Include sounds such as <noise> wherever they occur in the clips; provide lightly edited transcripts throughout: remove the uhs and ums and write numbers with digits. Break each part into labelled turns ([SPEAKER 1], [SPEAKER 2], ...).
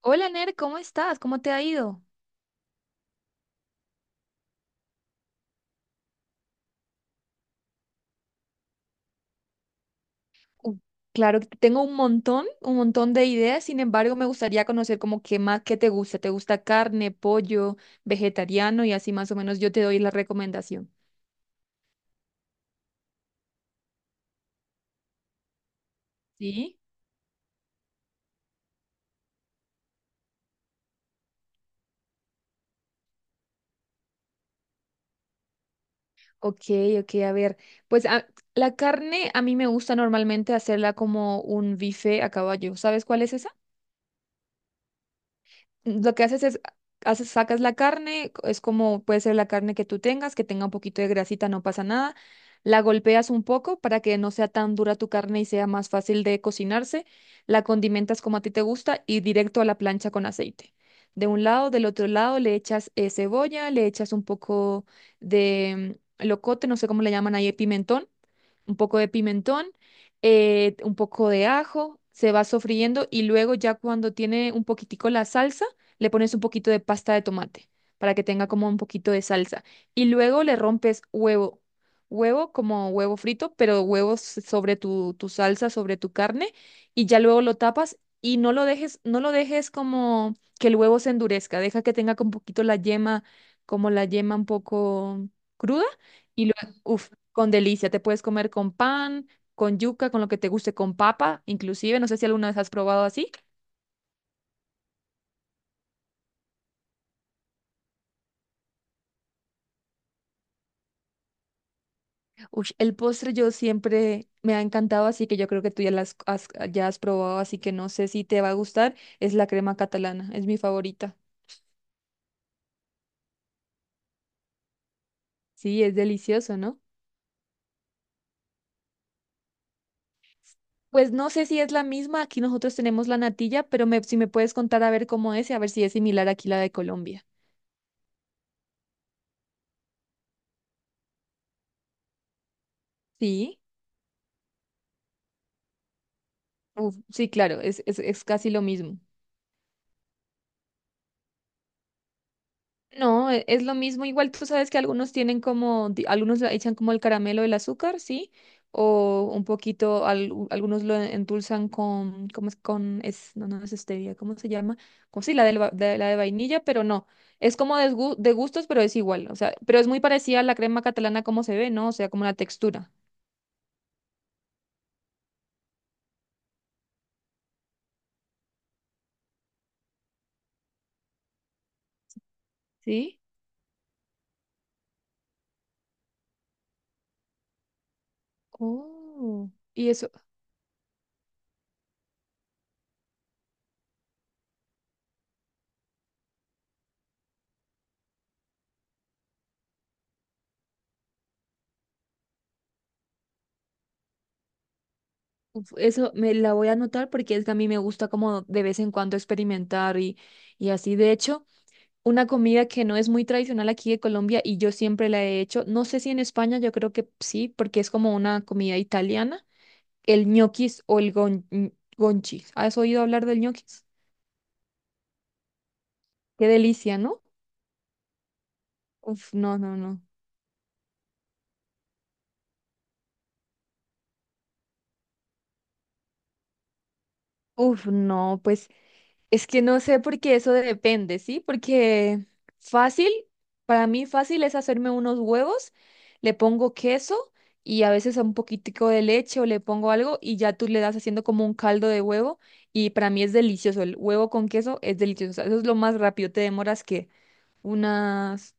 [SPEAKER 1] Hola Ner, ¿cómo estás? ¿Cómo te ha ido? Uh, claro que tengo un montón de ideas. Sin embargo, me gustaría conocer como qué más, qué te gusta. ¿Te gusta carne, pollo, vegetariano? Y así más o menos yo te doy la recomendación. ¿Sí? Ok, ok, a ver. Pues a- la carne a mí me gusta normalmente hacerla como un bife a caballo. ¿Sabes cuál es esa? Lo que haces es, sacas la carne. Es como puede ser la carne que tú tengas, que tenga un poquito de grasita, no pasa nada. La golpeas un poco para que no sea tan dura tu carne y sea más fácil de cocinarse. La condimentas como a ti te gusta y directo a la plancha con aceite. De un lado, del otro lado le echas cebolla, le echas un poco de locote, no sé cómo le llaman ahí, pimentón, un poco de pimentón, un poco de ajo. Se va sofriendo y luego ya cuando tiene un poquitico la salsa, le pones un poquito de pasta de tomate para que tenga como un poquito de salsa. Y luego le rompes huevo, como huevo frito, pero huevos sobre tu salsa, sobre tu carne, y ya luego lo tapas y no lo dejes como que el huevo se endurezca. Deja que tenga un poquito la yema, como la yema un poco cruda. Y luego, con delicia, te puedes comer con pan, con yuca, con lo que te guste, con papa, inclusive. No sé si alguna vez has probado así. Ush, el postre yo siempre me ha encantado, así que yo creo que tú ya las has, ya has probado, así que no sé si te va a gustar. Es la crema catalana, es mi favorita. Sí, es delicioso, ¿no? Pues no sé si es la misma. Aquí nosotros tenemos la natilla, pero si me puedes contar a ver cómo es y a ver si es similar aquí la de Colombia. Sí. Uf, sí, claro, es casi lo mismo. No, es lo mismo. Igual tú sabes que algunos tienen como, algunos le echan como el caramelo, el azúcar, ¿sí? O un poquito, algunos lo endulzan con, ¿cómo es? No, no es stevia, ¿cómo se llama? Como si la de vainilla, pero no. Es como de gustos, pero es igual. O sea, pero es muy parecida a la crema catalana como se ve, ¿no? O sea, como la textura, ¿sí? Oh, y eso, uf, eso me la voy a anotar porque es que a mí me gusta como de vez en cuando experimentar y así. De hecho, una comida que no es muy tradicional aquí de Colombia y yo siempre la he hecho. No sé si en España, yo creo que sí, porque es como una comida italiana, el ñoquis o gonchis. ¿Has oído hablar del ñoquis? Qué delicia, ¿no? Uf, no, no, no. Uf, no, pues es que no sé por qué, eso depende, ¿sí? Porque fácil, para mí fácil es hacerme unos huevos, le pongo queso y a veces un poquitico de leche, o le pongo algo y ya tú le das haciendo como un caldo de huevo, y para mí es delicioso. El huevo con queso es delicioso, o sea, eso es lo más rápido. Te demoras que unas,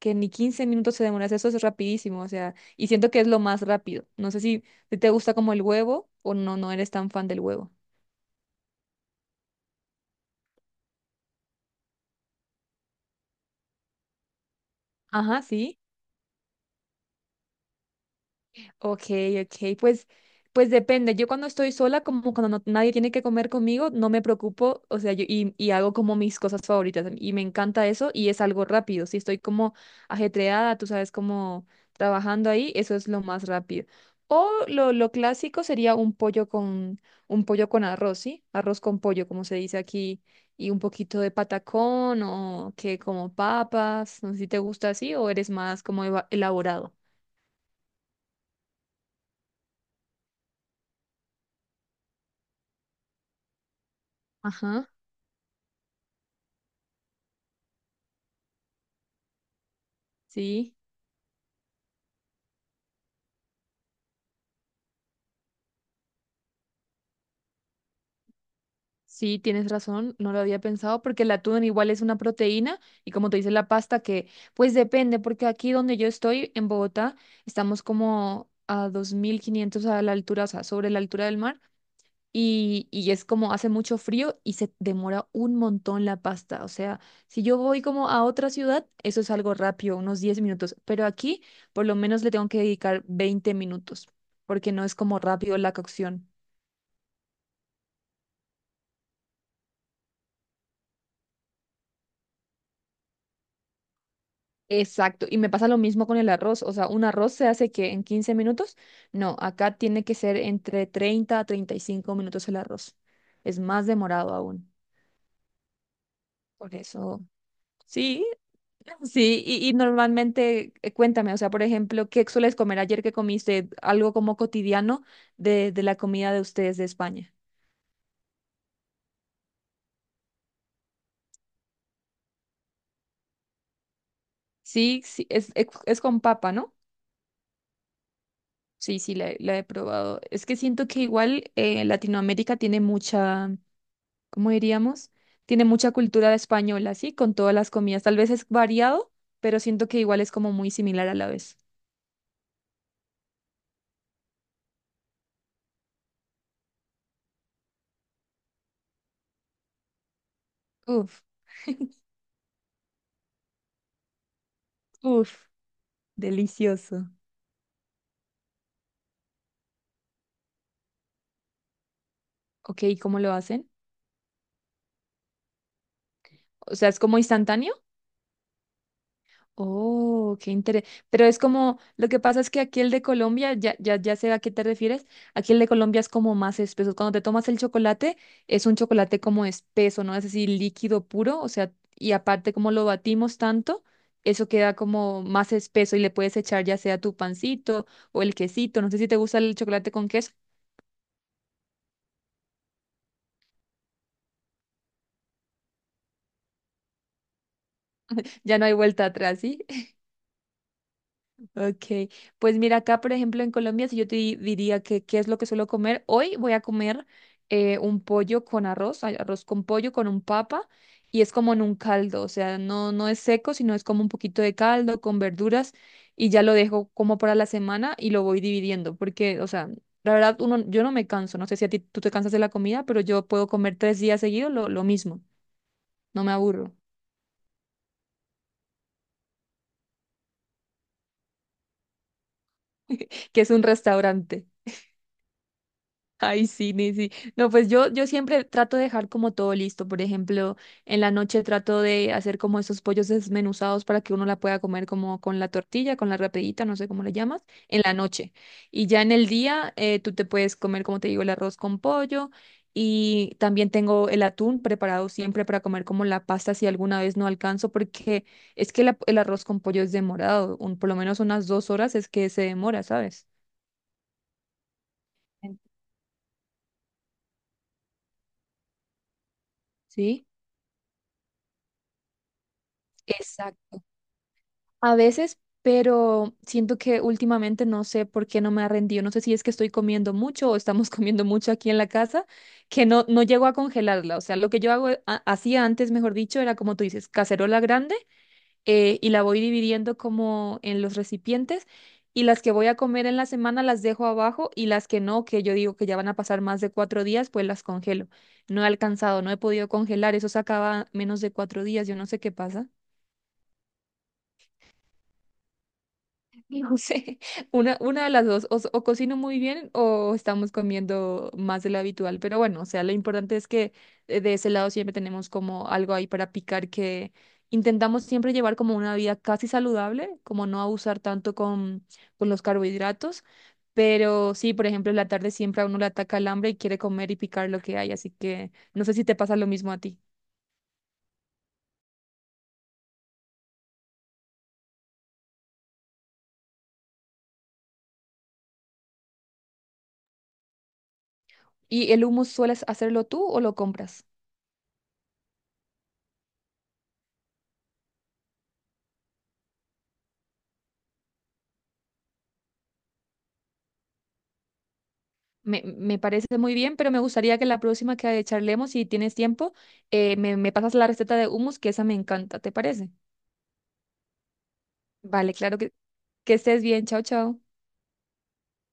[SPEAKER 1] que ni 15 minutos te demoras, eso es rapidísimo, o sea, y siento que es lo más rápido. No sé si te gusta como el huevo o no, no eres tan fan del huevo. Ajá, sí. Ok, ok, pues depende. Yo cuando estoy sola, como cuando nadie tiene que comer conmigo, no me preocupo. O sea, yo y hago como mis cosas favoritas, y me encanta eso y es algo rápido. Si estoy como ajetreada, tú sabes, como trabajando ahí, eso es lo más rápido. O lo clásico sería un pollo con arroz, ¿sí? Arroz con pollo, como se dice aquí, y un poquito de patacón o que como papas. No sé si te gusta así o eres más como elaborado. Ajá, sí. Sí, tienes razón, no lo había pensado porque el atún igual es una proteína y como te dice la pasta que, pues depende, porque aquí donde yo estoy en Bogotá estamos como a 2.500 a la altura, o sea, sobre la altura del mar, y es como hace mucho frío y se demora un montón la pasta. O sea, si yo voy como a otra ciudad, eso es algo rápido, unos 10 minutos, pero aquí por lo menos le tengo que dedicar 20 minutos porque no es como rápido la cocción. Exacto, y me pasa lo mismo con el arroz. O sea, un arroz se hace que en 15 minutos, no, acá tiene que ser entre 30 a 35 minutos el arroz, es más demorado aún, por eso, sí, <laughs> sí. Y normalmente, cuéntame, o sea, por ejemplo, ¿qué sueles comer? Ayer que comiste, algo como cotidiano de la comida de ustedes de España. Sí, sí, es con papa, ¿no? Sí, sí, la he probado. Es que siento que igual Latinoamérica tiene mucha... ¿cómo diríamos? Tiene mucha cultura española, ¿sí? Con todas las comidas. Tal vez es variado, pero siento que igual es como muy similar a la vez. Uf, uf, delicioso. Ok, ¿cómo lo hacen? O sea, ¿es como instantáneo? Oh, qué interesante. Pero es como, lo que pasa es que aquí el de Colombia, ya sé a qué te refieres. Aquí el de Colombia es como más espeso. Cuando te tomas el chocolate, es un chocolate como espeso, ¿no? Es así, líquido puro, o sea, y aparte como lo batimos tanto, eso queda como más espeso y le puedes echar ya sea tu pancito o el quesito. No sé si te gusta el chocolate con queso, ya no hay vuelta atrás, ¿sí? Ok, pues mira, acá por ejemplo en Colombia, si yo te diría que qué es lo que suelo comer, hoy voy a comer un pollo con arroz, ay, arroz con pollo, con un papa, y es como en un caldo. O sea, no, no es seco, sino es como un poquito de caldo con verduras, y ya lo dejo como para la semana y lo voy dividiendo, porque, o sea, la verdad, uno, yo no me canso, no sé si a ti tú te cansas de la comida, pero yo puedo comer tres días seguidos lo mismo, no me aburro. <laughs> Que es un restaurante. Ay, sí, ni sí. No, pues yo siempre trato de dejar como todo listo. Por ejemplo, en la noche trato de hacer como esos pollos desmenuzados para que uno la pueda comer como con la tortilla, con la rapidita, no sé cómo le llamas, en la noche. Y ya en el día, tú te puedes comer, como te digo, el arroz con pollo. Y también tengo el atún preparado siempre para comer como la pasta si alguna vez no alcanzo, porque es que el arroz con pollo es demorado, por lo menos unas 2 horas es que se demora, ¿sabes? Sí, exacto. A veces, pero siento que últimamente no sé por qué no me ha rendido. No sé si es que estoy comiendo mucho o estamos <laughs> comiendo mucho aquí en la casa, que no, no llego a congelarla. O sea, lo que yo hago, hacía antes, mejor dicho, era como tú dices, cacerola grande, y la voy dividiendo como en los recipientes, y las que voy a comer en la semana las dejo abajo, y las que no, que yo digo que ya van a pasar más de 4 días, pues las congelo. No he alcanzado, no he podido congelar. Eso se acaba menos de 4 días. Yo no sé qué pasa. No sé, <laughs> una de las dos, o cocino muy bien o estamos comiendo más de lo habitual, pero bueno, o sea, lo importante es que de ese lado siempre tenemos como algo ahí para picar, que intentamos siempre llevar como una vida casi saludable, como no abusar tanto con los carbohidratos, pero sí, por ejemplo, en la tarde siempre a uno le ataca el hambre y quiere comer y picar lo que hay, así que no sé si te pasa lo mismo a ti. ¿Y el hummus sueles hacerlo tú o lo compras? Me parece muy bien, pero me gustaría que la próxima que charlemos, si tienes tiempo, me pasas la receta de hummus, que esa me encanta, ¿te parece? Vale, claro que estés bien. Chao, chao.